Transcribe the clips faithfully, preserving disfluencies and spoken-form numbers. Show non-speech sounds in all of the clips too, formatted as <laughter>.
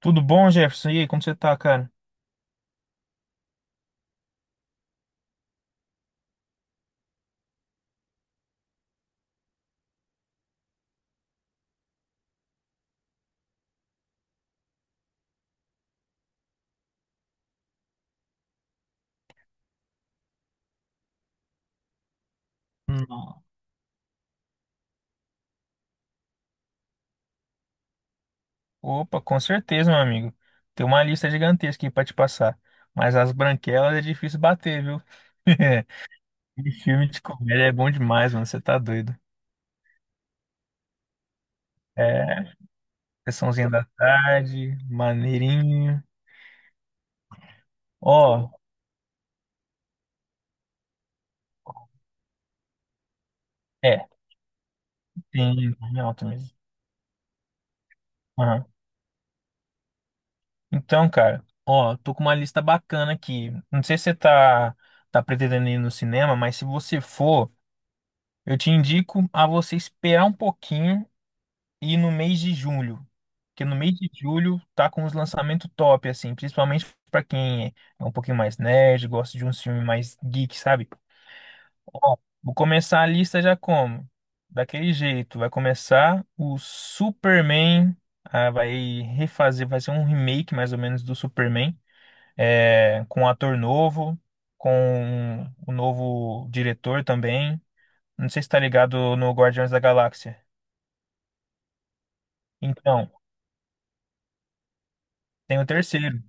Tudo bom, Jefferson? E aí, como você tá, cara? Não. Opa, com certeza, meu amigo. Tem uma lista gigantesca aí pra te passar. Mas as branquelas é difícil bater, viu? <laughs> E filme de comédia é bom demais, mano. Você tá doido. É, sessãozinha da tarde, maneirinho. Ó, é, tem, tem alto mesmo. Aham. Então, cara, ó, tô com uma lista bacana aqui. Não sei se você tá, tá pretendendo ir no cinema, mas se você for, eu te indico a você esperar um pouquinho e no mês de julho. Porque no mês de julho tá com os lançamentos top, assim, principalmente pra quem é um pouquinho mais nerd, gosta de um filme mais geek, sabe? Ó, vou começar a lista já como? Daquele jeito, vai começar o Superman, ah, vai refazer, vai ser um remake mais ou menos do Superman, é, com um ator novo, com o novo diretor também. Não sei se tá ligado no Guardiões da Galáxia. Então, tem o terceiro.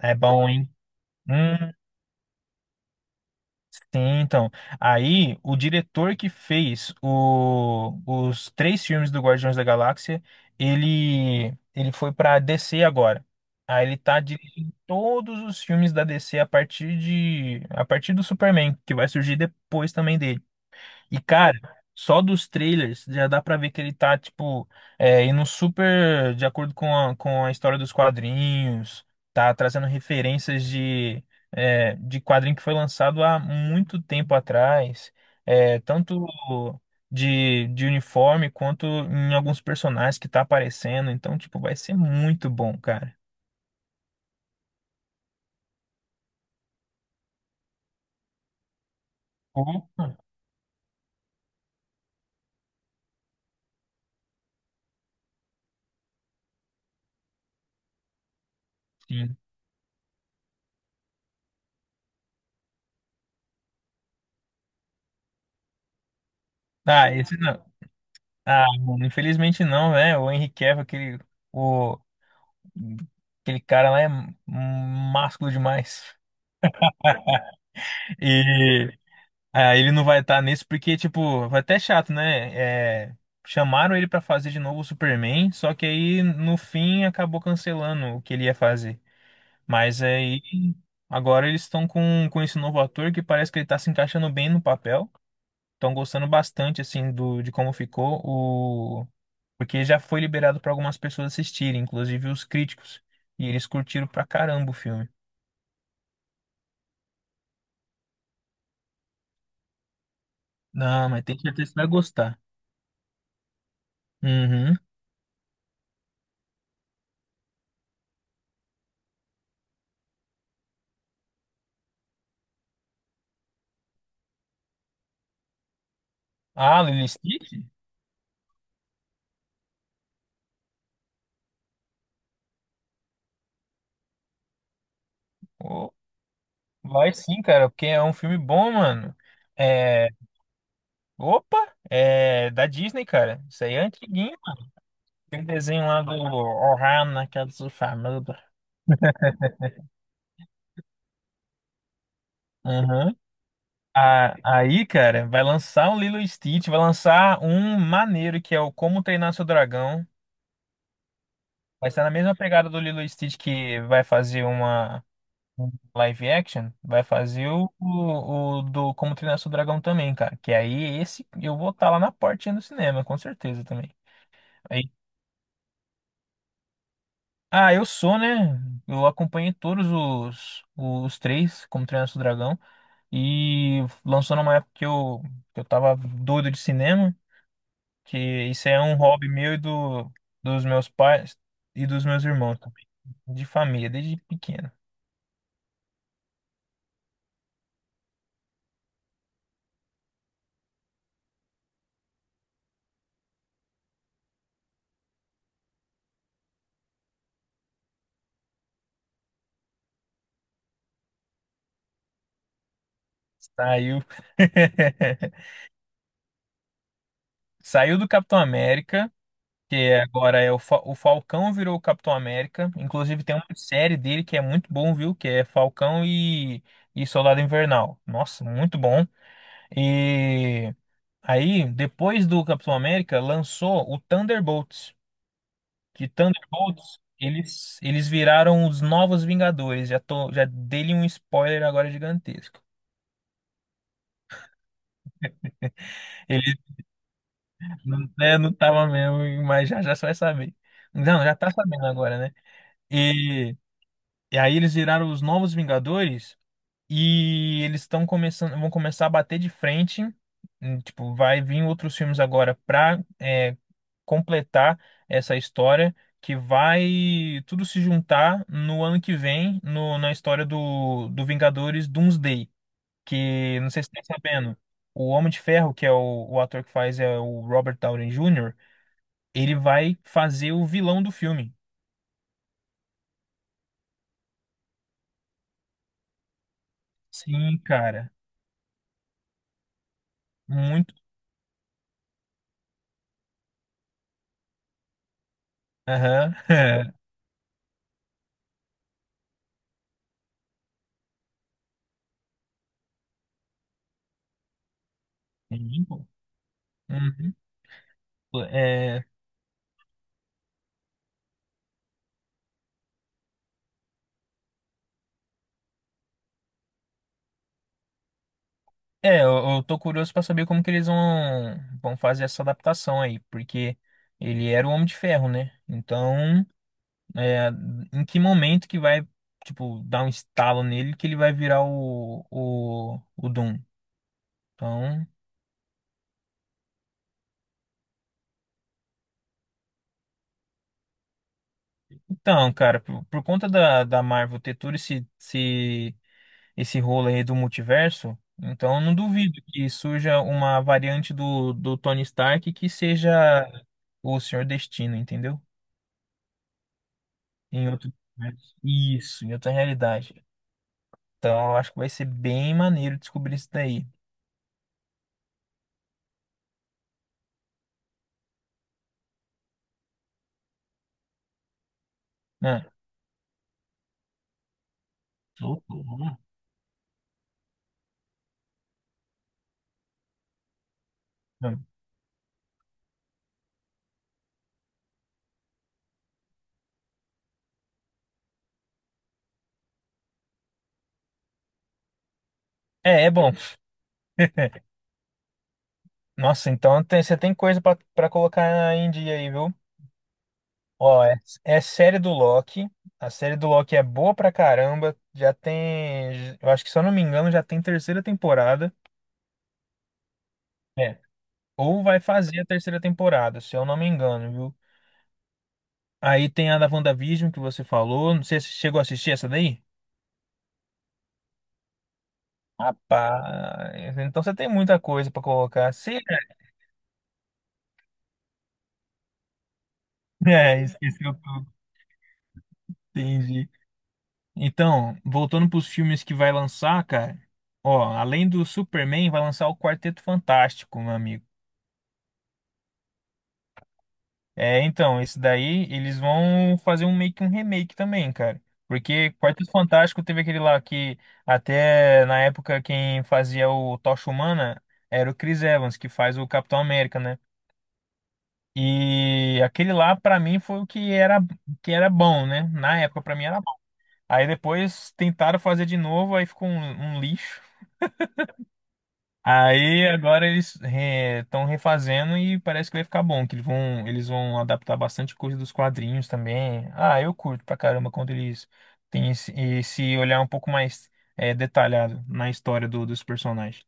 É bom, hein? Hum, sim, então. Aí, o diretor que fez o- os três filmes do Guardiões da Galáxia, ele, ele foi pra D C agora. Aí ele tá dirigindo todos os filmes da D C a partir de, a partir do Superman, que vai surgir depois também dele. E, cara, só dos trailers já dá pra ver que ele tá, tipo, é, indo super de acordo com a, com a história dos quadrinhos, tá trazendo referências de, é, de quadrinho que foi lançado há muito tempo atrás, é, tanto de, de uniforme quanto em alguns personagens que tá aparecendo. Então, tipo, vai ser muito bom, cara. Opa, sim. Ah, esse não. Ah, mano, infelizmente não, né? O Henry Cavill, aquele. O, aquele cara lá é másculo demais. E ah, ele não vai estar nesse porque, tipo, vai até chato, né? É, chamaram ele pra fazer de novo o Superman, só que aí no fim acabou cancelando o que ele ia fazer. Mas aí agora eles estão com, com esse novo ator que parece que ele tá se encaixando bem no papel. Estão gostando bastante, assim, do, de como ficou o. Porque já foi liberado pra algumas pessoas assistirem, inclusive os críticos. E eles curtiram pra caramba o filme. Não, mas tem certeza que você vai gostar. Uhum. Ah, Lilo e Stitch? Ô, vai sim, cara, porque é um filme bom, mano. É. Opa! É da Disney, cara. Isso aí é antiguinho. Aquele desenho lá do Ohana, que é do famoso. Uhum. Ah, aí, cara, vai lançar um Lilo e Stitch, vai lançar um maneiro que é o Como Treinar Seu Dragão. Vai estar na mesma pegada do Lilo e Stitch que vai fazer uma. Um live action, vai fazer o, o, o do Como Treinar Seu Dragão também, cara. Que aí esse eu vou estar lá na portinha do cinema, com certeza também. Aí, ah, eu sou, né? Eu acompanhei todos os, os três, Como Treinar Seu Dragão. E lançou numa época que eu, que eu tava doido de cinema, que isso é um hobby meu e do, dos meus pais e dos meus irmãos também, de família, desde pequeno. Saiu. <laughs> Saiu do Capitão América. Que agora é o, Fa- o Falcão virou o Capitão América. Inclusive tem uma série dele que é muito bom, viu? Que é Falcão e, e Soldado Invernal. Nossa, muito bom. E aí, depois do Capitão América, lançou o Thunderbolts. Que Thunderbolts, eles, eles viraram os novos Vingadores. Já tô, já dei-lhe um spoiler agora gigantesco. Ele não, né, não tava mesmo, mas já já você vai saber. Não, já tá sabendo agora, né? E, e aí eles viraram os novos Vingadores. E eles estão começando, vão começar a bater de frente. hum, Tipo, vai vir outros filmes agora para completar essa história que vai tudo se juntar no ano que vem no- na história do, do Vingadores Doomsday, que não sei se você está sabendo. O Homem de Ferro, que é o, o ator que faz é o Robert Downey júnior, ele vai fazer o vilão do filme. Sim, cara. Muito. Aham. <laughs> Sim, pô. Uhum. É, é, eu, eu tô curioso pra saber como que eles vão, vão fazer essa adaptação aí, porque ele era o Homem de Ferro, né? Então, é, em que momento que vai, tipo, dar um estalo nele que ele vai virar o, o, o Doom? Então, então, cara, por, por conta da, da Marvel ter todo esse, esse, esse rolo aí do multiverso, então eu não duvido que surja uma variante do, do Tony Stark que seja o Senhor Destino, entendeu? Em outro... universo. Isso, em outra realidade. Então, eu acho que vai ser bem maneiro descobrir isso daí. Né? Loucura. Hum. É, é bom. Nossa, então tem- você tem coisa pra pra colocar em dia aí, viu? Ó, é, é série do Loki. A série do Loki é boa pra caramba. Já tem, eu acho que se eu não me engano, já tem terceira temporada. É. Ou vai fazer a terceira temporada, se eu não me engano, viu? Aí tem a da WandaVision que você falou. Não sei se você chegou a assistir essa daí. Rapaz, então você tem muita coisa pra colocar. Sim. <laughs> É, esqueceu tudo. Entendi. Então, voltando pros filmes que vai lançar, cara. Ó, além do Superman, vai lançar o Quarteto Fantástico, meu amigo. É, então, esse daí eles vão fazer um meio que um remake também, cara. Porque Quarteto Fantástico teve aquele lá que até na época quem fazia o Tocha Humana era o Chris Evans, que faz o Capitão América, né? E aquele lá pra mim foi o que era que era bom, né? Na época pra mim era bom. Aí depois tentaram fazer de novo, aí ficou um, um lixo. Aí agora eles estão refazendo e parece que vai ficar bom, que eles vão eles vão adaptar bastante coisa dos quadrinhos também. Ah, eu curto pra caramba quando eles têm esse, esse olhar um pouco mais eh, detalhado na história do- dos personagens.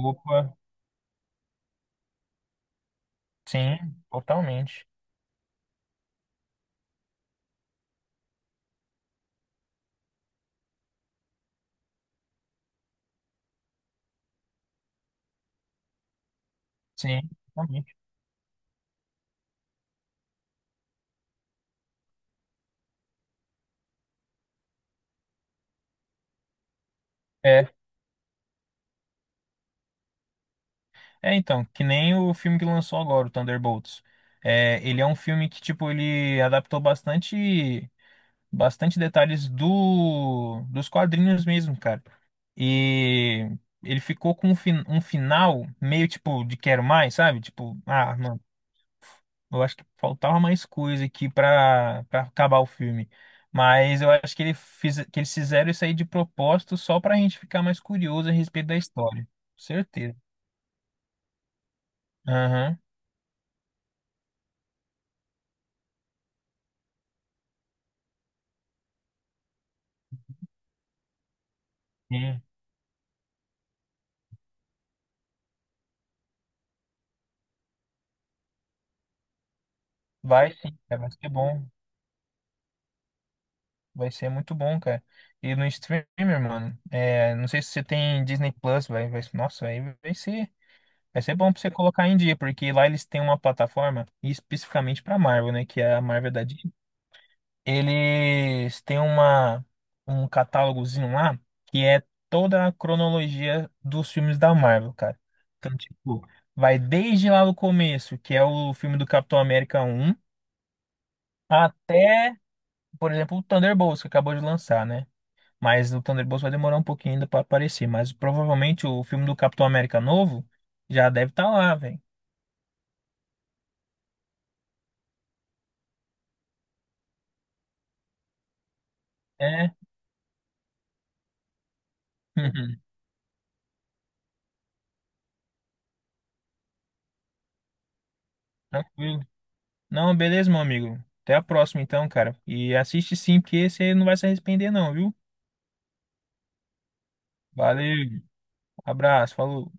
Opa, sim, totalmente. Sim, totalmente. É. É, então, que nem o filme que lançou agora, o Thunderbolts. É, ele é um filme que, tipo, ele adaptou bastante, bastante detalhes do, dos quadrinhos mesmo, cara. E ele ficou com um, fin- um final meio, tipo, de quero mais, sabe? Tipo, ah, mano, eu acho que faltava mais coisa aqui pra, pra acabar o filme. Mas eu acho que, ele fiz, que eles fizeram isso aí de propósito só pra gente ficar mais curioso a respeito da história. Certeza. Aham. Vai sim, cara, vai ser bom. Vai ser muito bom, cara. E no streamer, mano, é, não sei se você tem Disney Plus, vai, vai, nossa, aí vai ser, vai ser bom pra você colocar em dia, porque lá eles têm uma plataforma especificamente pra Marvel, né, que é a Marvel da Disney. Eles têm uma, um catálogozinho lá que é toda a cronologia dos filmes da Marvel, cara. Então, tipo, vai desde lá do começo, que é o filme do Capitão América um até por exemplo, o Thunderbolts que acabou de lançar, né? Mas o Thunderbolts vai demorar um pouquinho ainda pra aparecer, mas provavelmente o filme do Capitão América novo já deve estar lá, velho. É. <laughs> Tranquilo. Não, beleza, meu amigo. Até a próxima então, cara. E assiste sim, porque você não vai se arrepender não, viu? Valeu. Abraço, falou.